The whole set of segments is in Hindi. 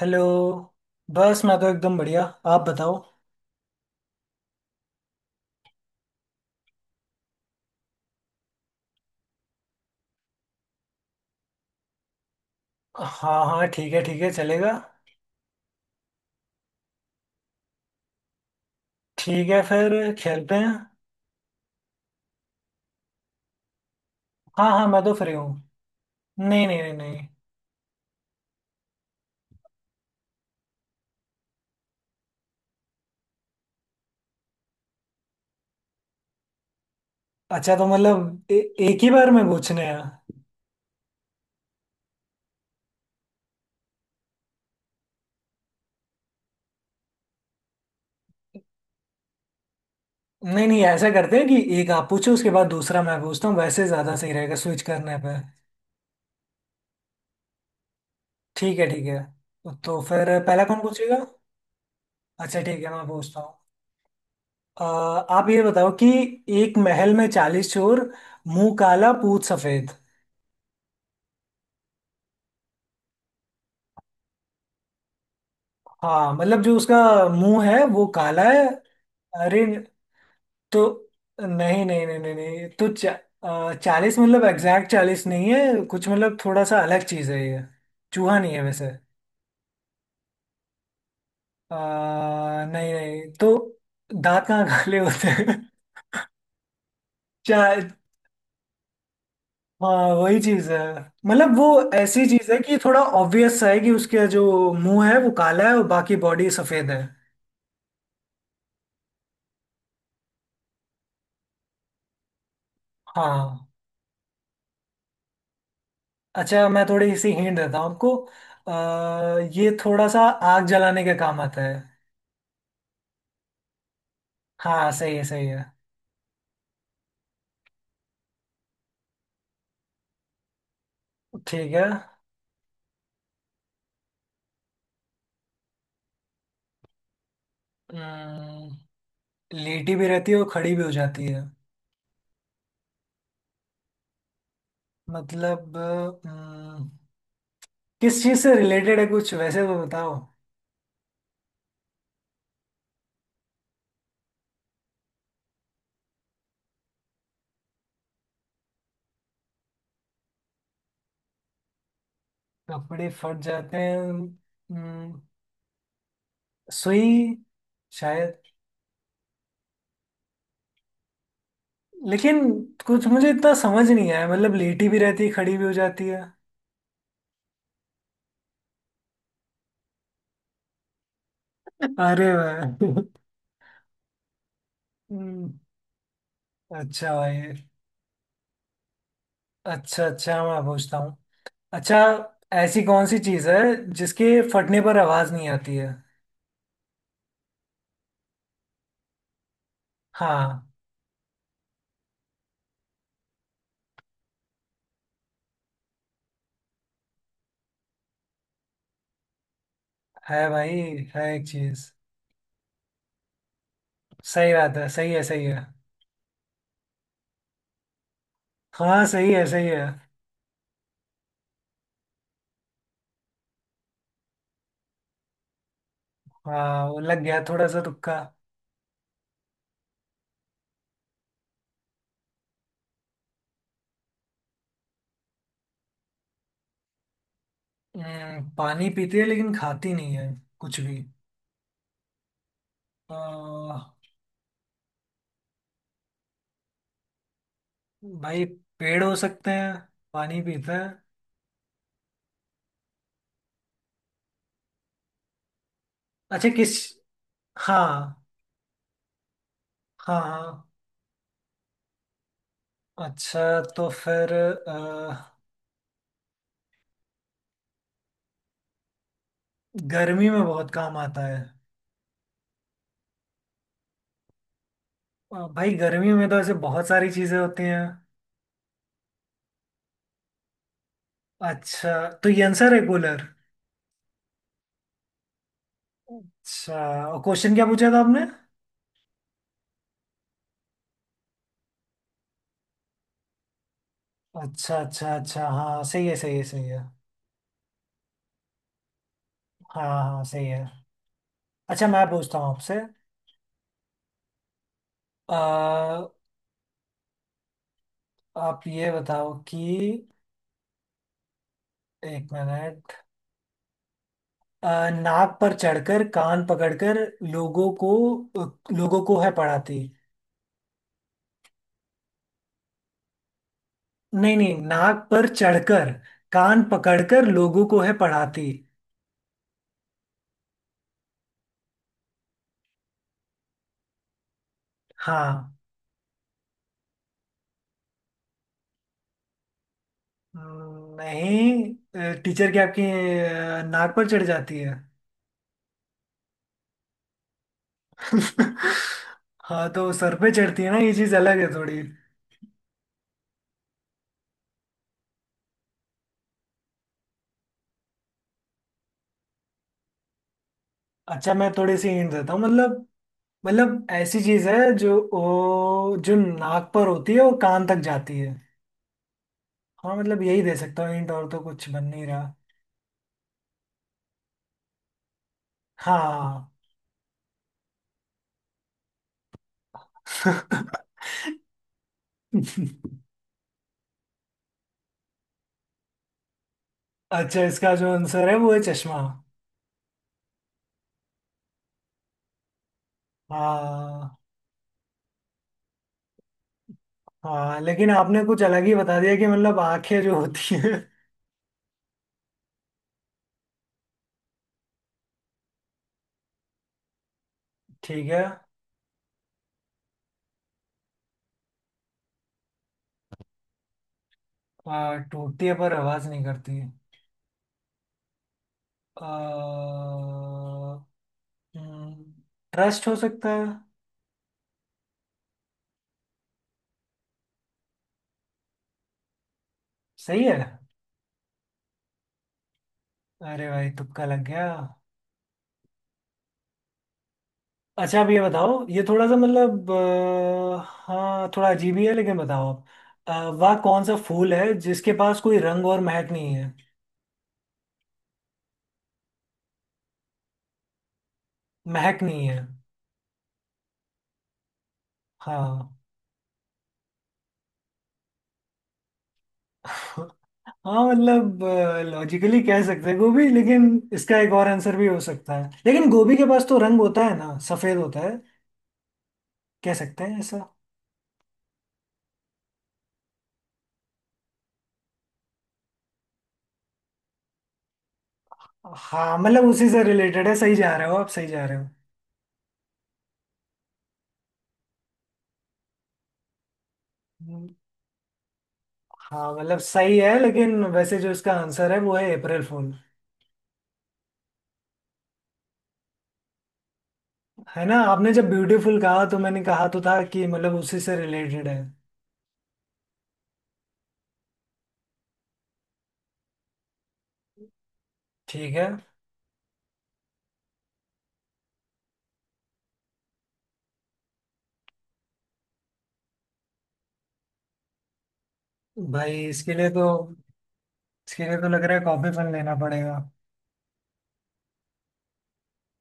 हेलो। बस मैं तो एकदम बढ़िया, आप बताओ। हाँ हाँ, ठीक है ठीक है, चलेगा। ठीक है, फिर खेलते हैं। हाँ हाँ, मैं तो फ्री हूँ। नहीं नहीं नहीं नहीं। अच्छा, तो मतलब एक ही बार में पूछने हैं? नहीं नहीं, ऐसा करते हैं कि एक आप पूछो, उसके बाद दूसरा मैं पूछता हूँ, वैसे ज़्यादा सही रहेगा स्विच करने पे। ठीक है ठीक है। तो फिर पहला कौन पूछेगा? अच्छा ठीक है, मैं पूछता हूँ। अ, आप ये बताओ कि एक महल में 40 चोर, मुंह काला पूत सफेद। हाँ, मतलब जो उसका मुंह है वो काला है। अरे, तो नहीं नहीं नहीं नहीं नहीं, तो 40 मतलब एग्जैक्ट 40 नहीं है कुछ, मतलब थोड़ा सा अलग चीज है ये। चूहा नहीं है वैसे। आ, नहीं नहीं, तो दांत कहाँ काले होते हैं? चा, हाँ वही चीज है, मतलब वो ऐसी चीज है कि थोड़ा ऑब्वियस है कि उसका जो मुंह है वो काला है और बाकी बॉडी सफेद है। हाँ। अच्छा, मैं थोड़ी सी हिंट देता हूँ आपको। ये थोड़ा सा आग जलाने के काम आता है। हाँ सही है सही है। ठीक है। अम्म, लेटी भी रहती है और खड़ी भी हो जाती है, मतलब अम्म, किस चीज से रिलेटेड है कुछ, वैसे तो बताओ। कपड़े फट जाते हैं, सुई शायद। लेकिन कुछ मुझे इतना समझ नहीं आया, मतलब लेटी भी रहती है खड़ी भी हो जाती है। अरे वाह। अम्म, अच्छा भाई। अच्छा अच्छा, मैं पूछता हूँ। अच्छा, ऐसी कौन सी चीज है जिसके फटने पर आवाज नहीं आती है? हाँ, है भाई, है एक चीज। सही बात है, सही है सही है। हाँ सही है सही है। हाँ, वो लग गया थोड़ा सा तुक्का। पानी पीती है लेकिन खाती नहीं है कुछ भी? आ, भाई, पेड़ हो सकते हैं, पानी पीते हैं। अच्छा किस? हाँ हाँ हाँ। अच्छा, तो फिर गर्मी में बहुत काम आता है। भाई, गर्मियों में तो ऐसे बहुत सारी चीजें होती हैं। अच्छा, तो ये आंसर है कूलर। अच्छा, और क्वेश्चन क्या पूछा था आपने? अच्छा अच्छा अच्छा, हाँ सही है सही है सही है। हाँ हाँ सही है। अच्छा, मैं पूछता हूँ आपसे। आ, आप ये बताओ कि, एक मिनट। नाक पर चढ़कर कान पकड़कर लोगों को लोगों को है पढ़ाती। नहीं नहीं, नाक पर चढ़कर कान पकड़कर लोगों को है पढ़ाती। हाँ। नहीं, टीचर की आपकी नाक पर चढ़ जाती है? हाँ, तो सर पे चढ़ती है ना, ये चीज अलग है थोड़ी। अच्छा, मैं थोड़ी सी हिंट देता हूँ, मतलब ऐसी चीज है जो वो जो नाक पर होती है वो कान तक जाती है। हाँ, मतलब यही दे सकता हूँ हिंट, और तो कुछ बन नहीं रहा। हाँ। अच्छा, इसका जो आंसर है वो है चश्मा। हाँ हाँ, लेकिन आपने कुछ अलग ही बता दिया कि मतलब आंखें जो होती है। ठीक है। टूटती है पर आवाज नहीं करती? आ, हम्म, ट्रस्ट हो सकता है। सही है। अरे भाई, तुक्का लग गया। अच्छा, अब ये बताओ, ये थोड़ा सा मतलब हाँ थोड़ा अजीब ही है, लेकिन बताओ आप। वह कौन सा फूल है जिसके पास कोई रंग और महक नहीं है? महक नहीं है। हाँ। हाँ मतलब, लॉजिकली कह सकते हैं गोभी, लेकिन इसका एक और आंसर भी हो सकता है, लेकिन गोभी के पास तो रंग होता है ना, सफेद होता है कह सकते हैं। हाँ मतलब, उसी से रिलेटेड है, सही जा रहे हो आप, सही जा रहे हो। हम्म, हाँ मतलब, सही है लेकिन वैसे जो इसका आंसर है वो है अप्रैल फूल। है ना, आपने जब ब्यूटीफुल कहा तो मैंने कहा तो था कि मतलब उसी से रिलेटेड है। ठीक है। भाई इसके लिए तो लग रहा है कॉपी पेन लेना पड़ेगा।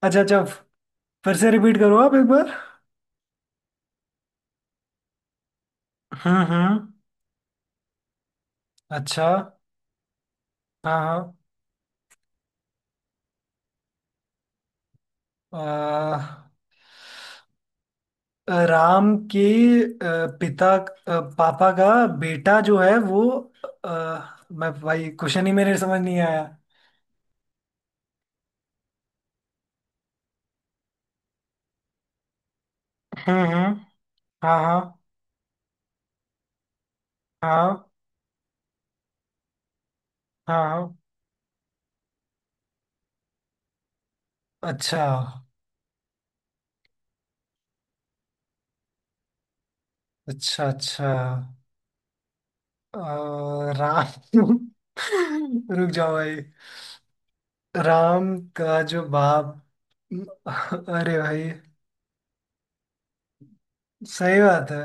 अच्छा अच्छा, फिर से रिपीट करो आप एक बार। हम्म। अच्छा। हाँ हाँ। राम के पिता पापा का बेटा जो है वो, मैं भाई क्वेश्चन ही मेरे समझ नहीं आया। हम्म। हाँ हाँ। हाँ हाँ हाँ। अच्छा अच्छा अच्छा, अ, राम, रुक जाओ भाई। राम का जो बाप, अरे भाई, सही बात है।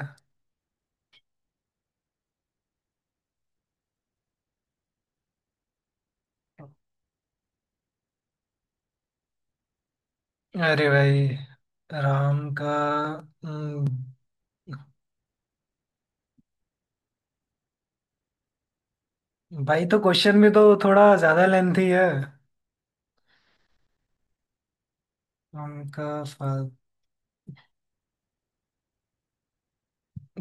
अरे भाई, राम का हम्म, भाई तो क्वेश्चन भी तो थोड़ा ज्यादा लेंथी है। उनका फर्क,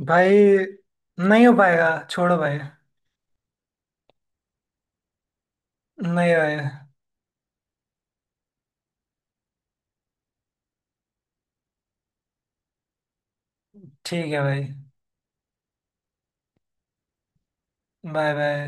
भाई नहीं हो पाएगा, छोड़ो भाई। नहीं भाई। ठीक है भाई। Bye bye.